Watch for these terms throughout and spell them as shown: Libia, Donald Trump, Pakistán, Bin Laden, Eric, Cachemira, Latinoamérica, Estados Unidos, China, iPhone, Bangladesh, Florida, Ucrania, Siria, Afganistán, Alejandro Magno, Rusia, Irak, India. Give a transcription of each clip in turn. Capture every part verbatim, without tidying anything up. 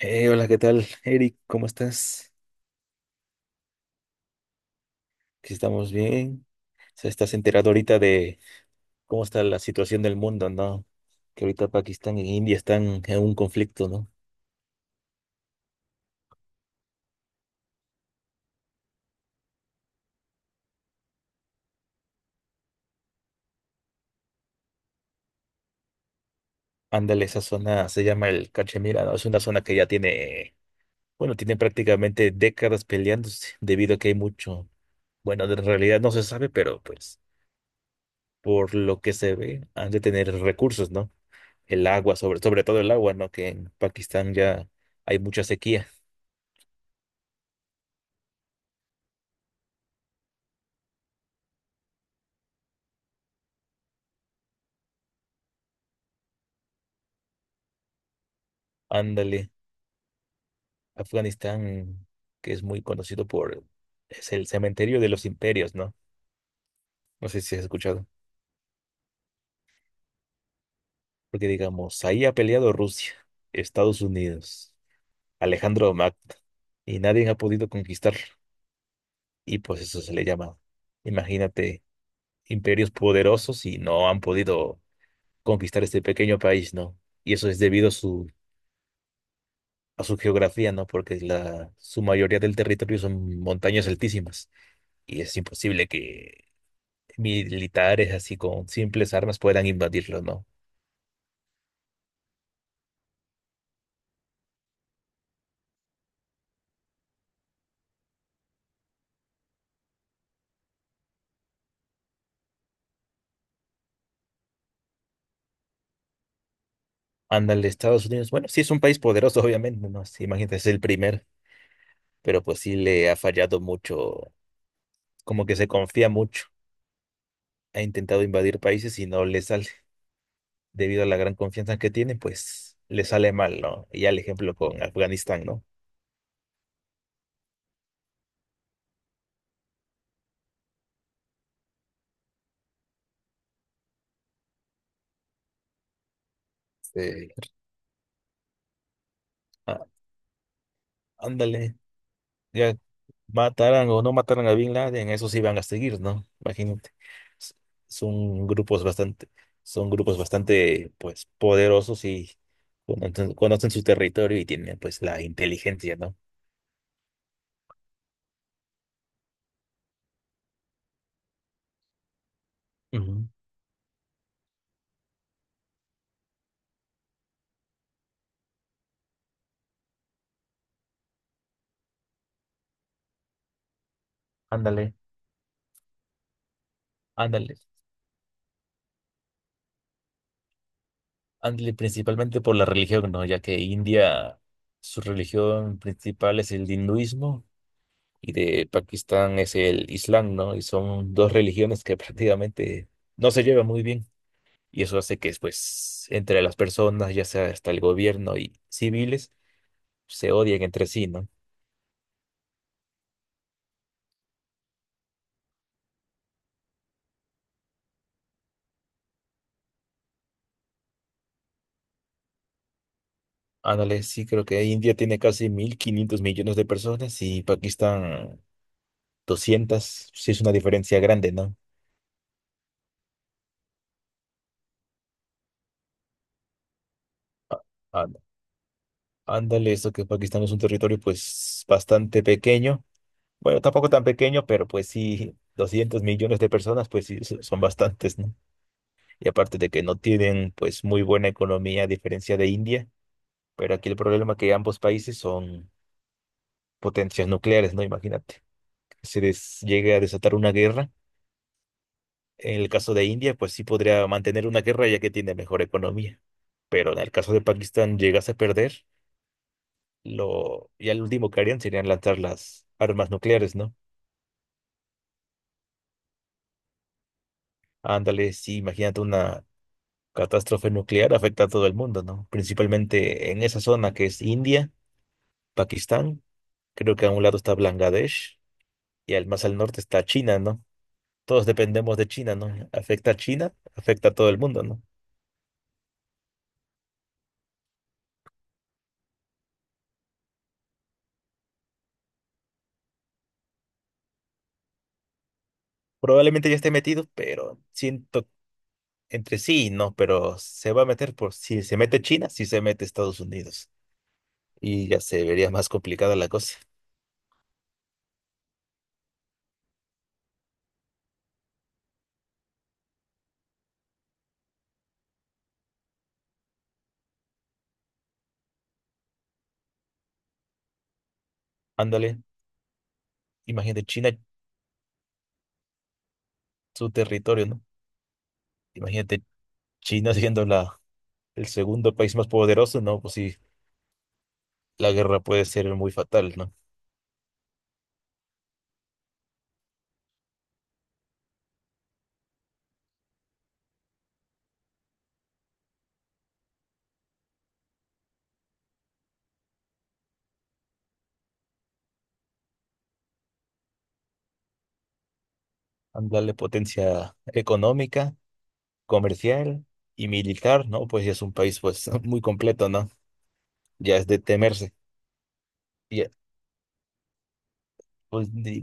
Eh, hola, ¿qué tal, Eric? ¿Cómo estás? Aquí estamos bien. Se estás enterado ahorita de cómo está la situación del mundo, ¿no? Que ahorita Pakistán e India están en un conflicto, ¿no? Ándale, esa zona se llama el Cachemira, ¿no? Es una zona que ya tiene, bueno, tiene prácticamente décadas peleándose debido a que hay mucho, bueno, en realidad no se sabe, pero pues por lo que se ve, han de tener recursos, ¿no? El agua, sobre, sobre todo el agua, ¿no? Que en Pakistán ya hay mucha sequía. Ándale. Afganistán, que es muy conocido por, es el cementerio de los imperios, ¿no? No sé si has escuchado. Porque digamos, ahí ha peleado Rusia, Estados Unidos, Alejandro Magno, y nadie ha podido conquistar. Y pues eso se le llama, imagínate, imperios poderosos y no han podido conquistar este pequeño país, ¿no? Y eso es debido a su, a su geografía, ¿no? Porque la, su mayoría del territorio son montañas altísimas y es imposible que militares así con simples armas puedan invadirlos, ¿no? Ándale, Estados Unidos, bueno, sí es un país poderoso, obviamente, ¿no? Sí, imagínate, es el primer, pero pues sí le ha fallado mucho, como que se confía mucho. Ha intentado invadir países y no le sale. Debido a la gran confianza que tiene, pues le sale mal, ¿no? Y ya el ejemplo con Afganistán, ¿no? Sí. Ah, ándale. Ya mataran o no mataran a Bin Laden, eso sí van a seguir, ¿no? Imagínate. S- Son grupos bastante, son grupos bastante, pues, poderosos y conocen, conocen su territorio y tienen, pues, la inteligencia, ¿no? Ujú. Ándale, ándale, ándale, principalmente por la religión, ¿no? Ya que India, su religión principal es el hinduismo y de Pakistán es el Islam, ¿no? Y son dos religiones que prácticamente no se llevan muy bien. Y eso hace que, pues, entre las personas, ya sea hasta el gobierno y civiles, se odien entre sí, ¿no? Ándale, sí, creo que India tiene casi mil quinientos millones de personas y Pakistán doscientos. Sí, es una diferencia grande, ¿no? Á- ánd- Ándale, eso que Pakistán es un territorio, pues, bastante pequeño. Bueno, tampoco tan pequeño, pero pues sí, doscientos millones de personas, pues sí, so- son bastantes, ¿no? Y aparte de que no tienen, pues, muy buena economía a diferencia de India. Pero aquí el problema es que ambos países son potencias nucleares, ¿no? Imagínate, que se des- llegue a desatar una guerra. En el caso de India, pues sí podría mantener una guerra ya que tiene mejor economía. Pero en el caso de Pakistán llegase a perder, lo, ya lo último que harían serían lanzar las armas nucleares, ¿no? Ándale, sí, imagínate una catástrofe nuclear afecta a todo el mundo, ¿no? Principalmente en esa zona que es India, Pakistán, creo que a un lado está Bangladesh y al más al norte está China, ¿no? Todos dependemos de China, ¿no? Afecta a China, afecta a todo el mundo, ¿no? Probablemente ya esté metido, pero siento entre sí, ¿no? Pero se va a meter por si se mete China, si se mete Estados Unidos. Y ya se vería más complicada la cosa. Ándale, imagínate China, su territorio, ¿no? Imagínate China siendo la, el segundo país más poderoso, ¿no? Pues sí, la guerra puede ser muy fatal, ¿no? Ándale, potencia económica, comercial y militar, ¿no? Pues ya es un país, pues, muy completo, ¿no? Ya es de temerse. Y, pues, de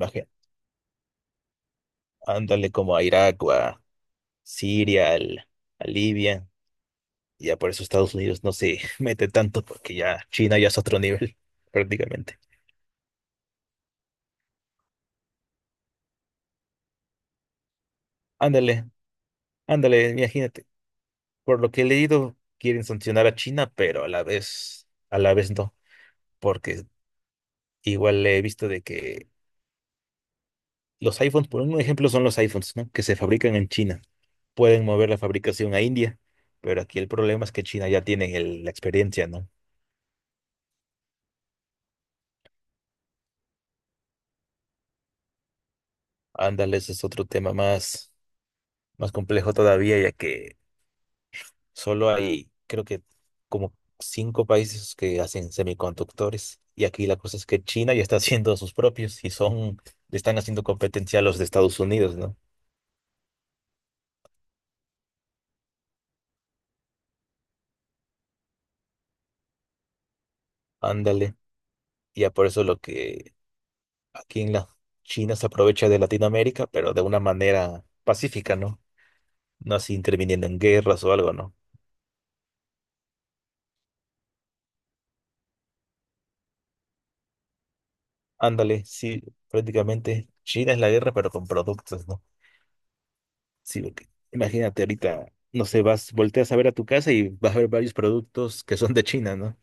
ándale como a Irak o a Siria, al- a Libia. Ya por eso Estados Unidos no se mete tanto, porque ya China ya es otro nivel, prácticamente. Ándale, ándale, imagínate. Por lo que he leído, quieren sancionar a China, pero a la vez, a la vez no, porque igual he visto de que los iPhones, por un ejemplo, son los iPhones, ¿no? Que se fabrican en China. Pueden mover la fabricación a India, pero aquí el problema es que China ya tiene el- la experiencia, ¿no? Ándale, ese es otro tema más, más complejo todavía, ya que solo hay, creo que como cinco países que hacen semiconductores. Y aquí la cosa es que China ya está haciendo sus propios y son, le están haciendo competencia a los de Estados Unidos, ¿no? Ándale. Ya por eso lo que aquí en la China se aprovecha de Latinoamérica, pero de una manera pacífica, ¿no? No así interviniendo en guerras o algo, ¿no? Ándale, sí, prácticamente China es la guerra, pero con productos, ¿no? Sí, porque imagínate ahorita, no sé, vas, volteas a ver a tu casa y vas a ver varios productos que son de China, ¿no?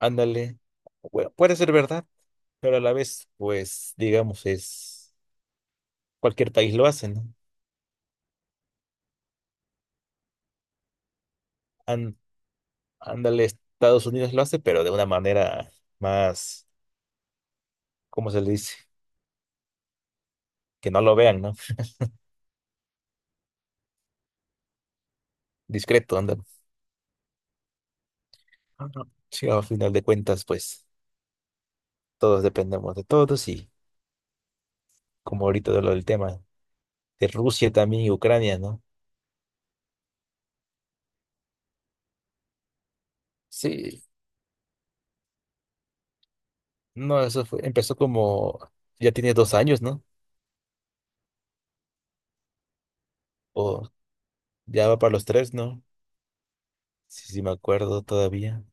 Ándale. Bueno, puede ser verdad, pero a la vez, pues, digamos, es cualquier país lo hace, ¿no? Án- ándale, Estados Unidos lo hace, pero de una manera más, ¿cómo se le dice? Que no lo vean, ¿no? Discreto, ándale. Ajá. Sí, al final de cuentas, pues, todos dependemos de todos y como ahorita de lo del tema de Rusia también y Ucrania, ¿no? Sí, no, eso fue, empezó como, ya tiene dos años, ¿no? O ya va para los tres, ¿no? Sí, sí, me acuerdo todavía.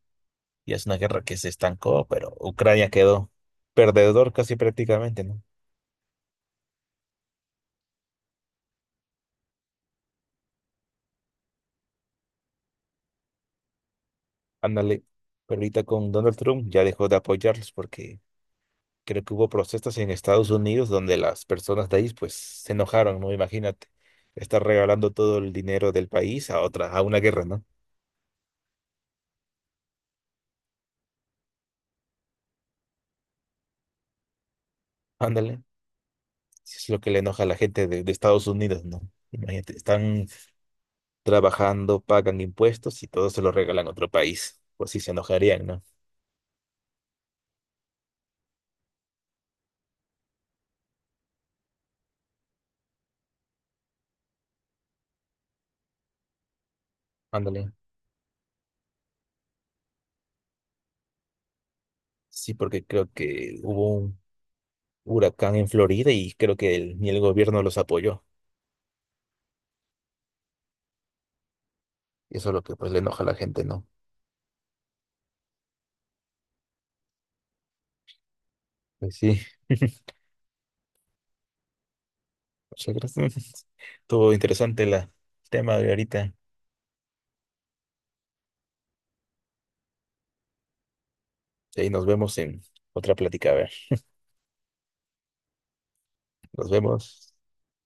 Y es una guerra que se estancó, pero Ucrania quedó perdedor casi prácticamente, ¿no? Ándale, pero ahorita con Donald Trump ya dejó de apoyarlos porque creo que hubo protestas en Estados Unidos donde las personas de ahí pues se enojaron, ¿no? Imagínate, estar regalando todo el dinero del país a otra, a una guerra, ¿no? Ándale, sí es lo que le enoja a la gente de de Estados Unidos, ¿no? Imagínate, están trabajando, pagan impuestos y todo se lo regalan a otro país. Pues sí, se enojarían, ¿no? Ándale. Sí, porque creo que hubo un huracán en Florida y creo que el- ni el gobierno los apoyó. Y eso es lo que pues le enoja a la gente, ¿no? Pues sí. Muchas gracias. Estuvo interesante la, el tema de ahorita. Y nos vemos en otra plática. A ver, nos vemos.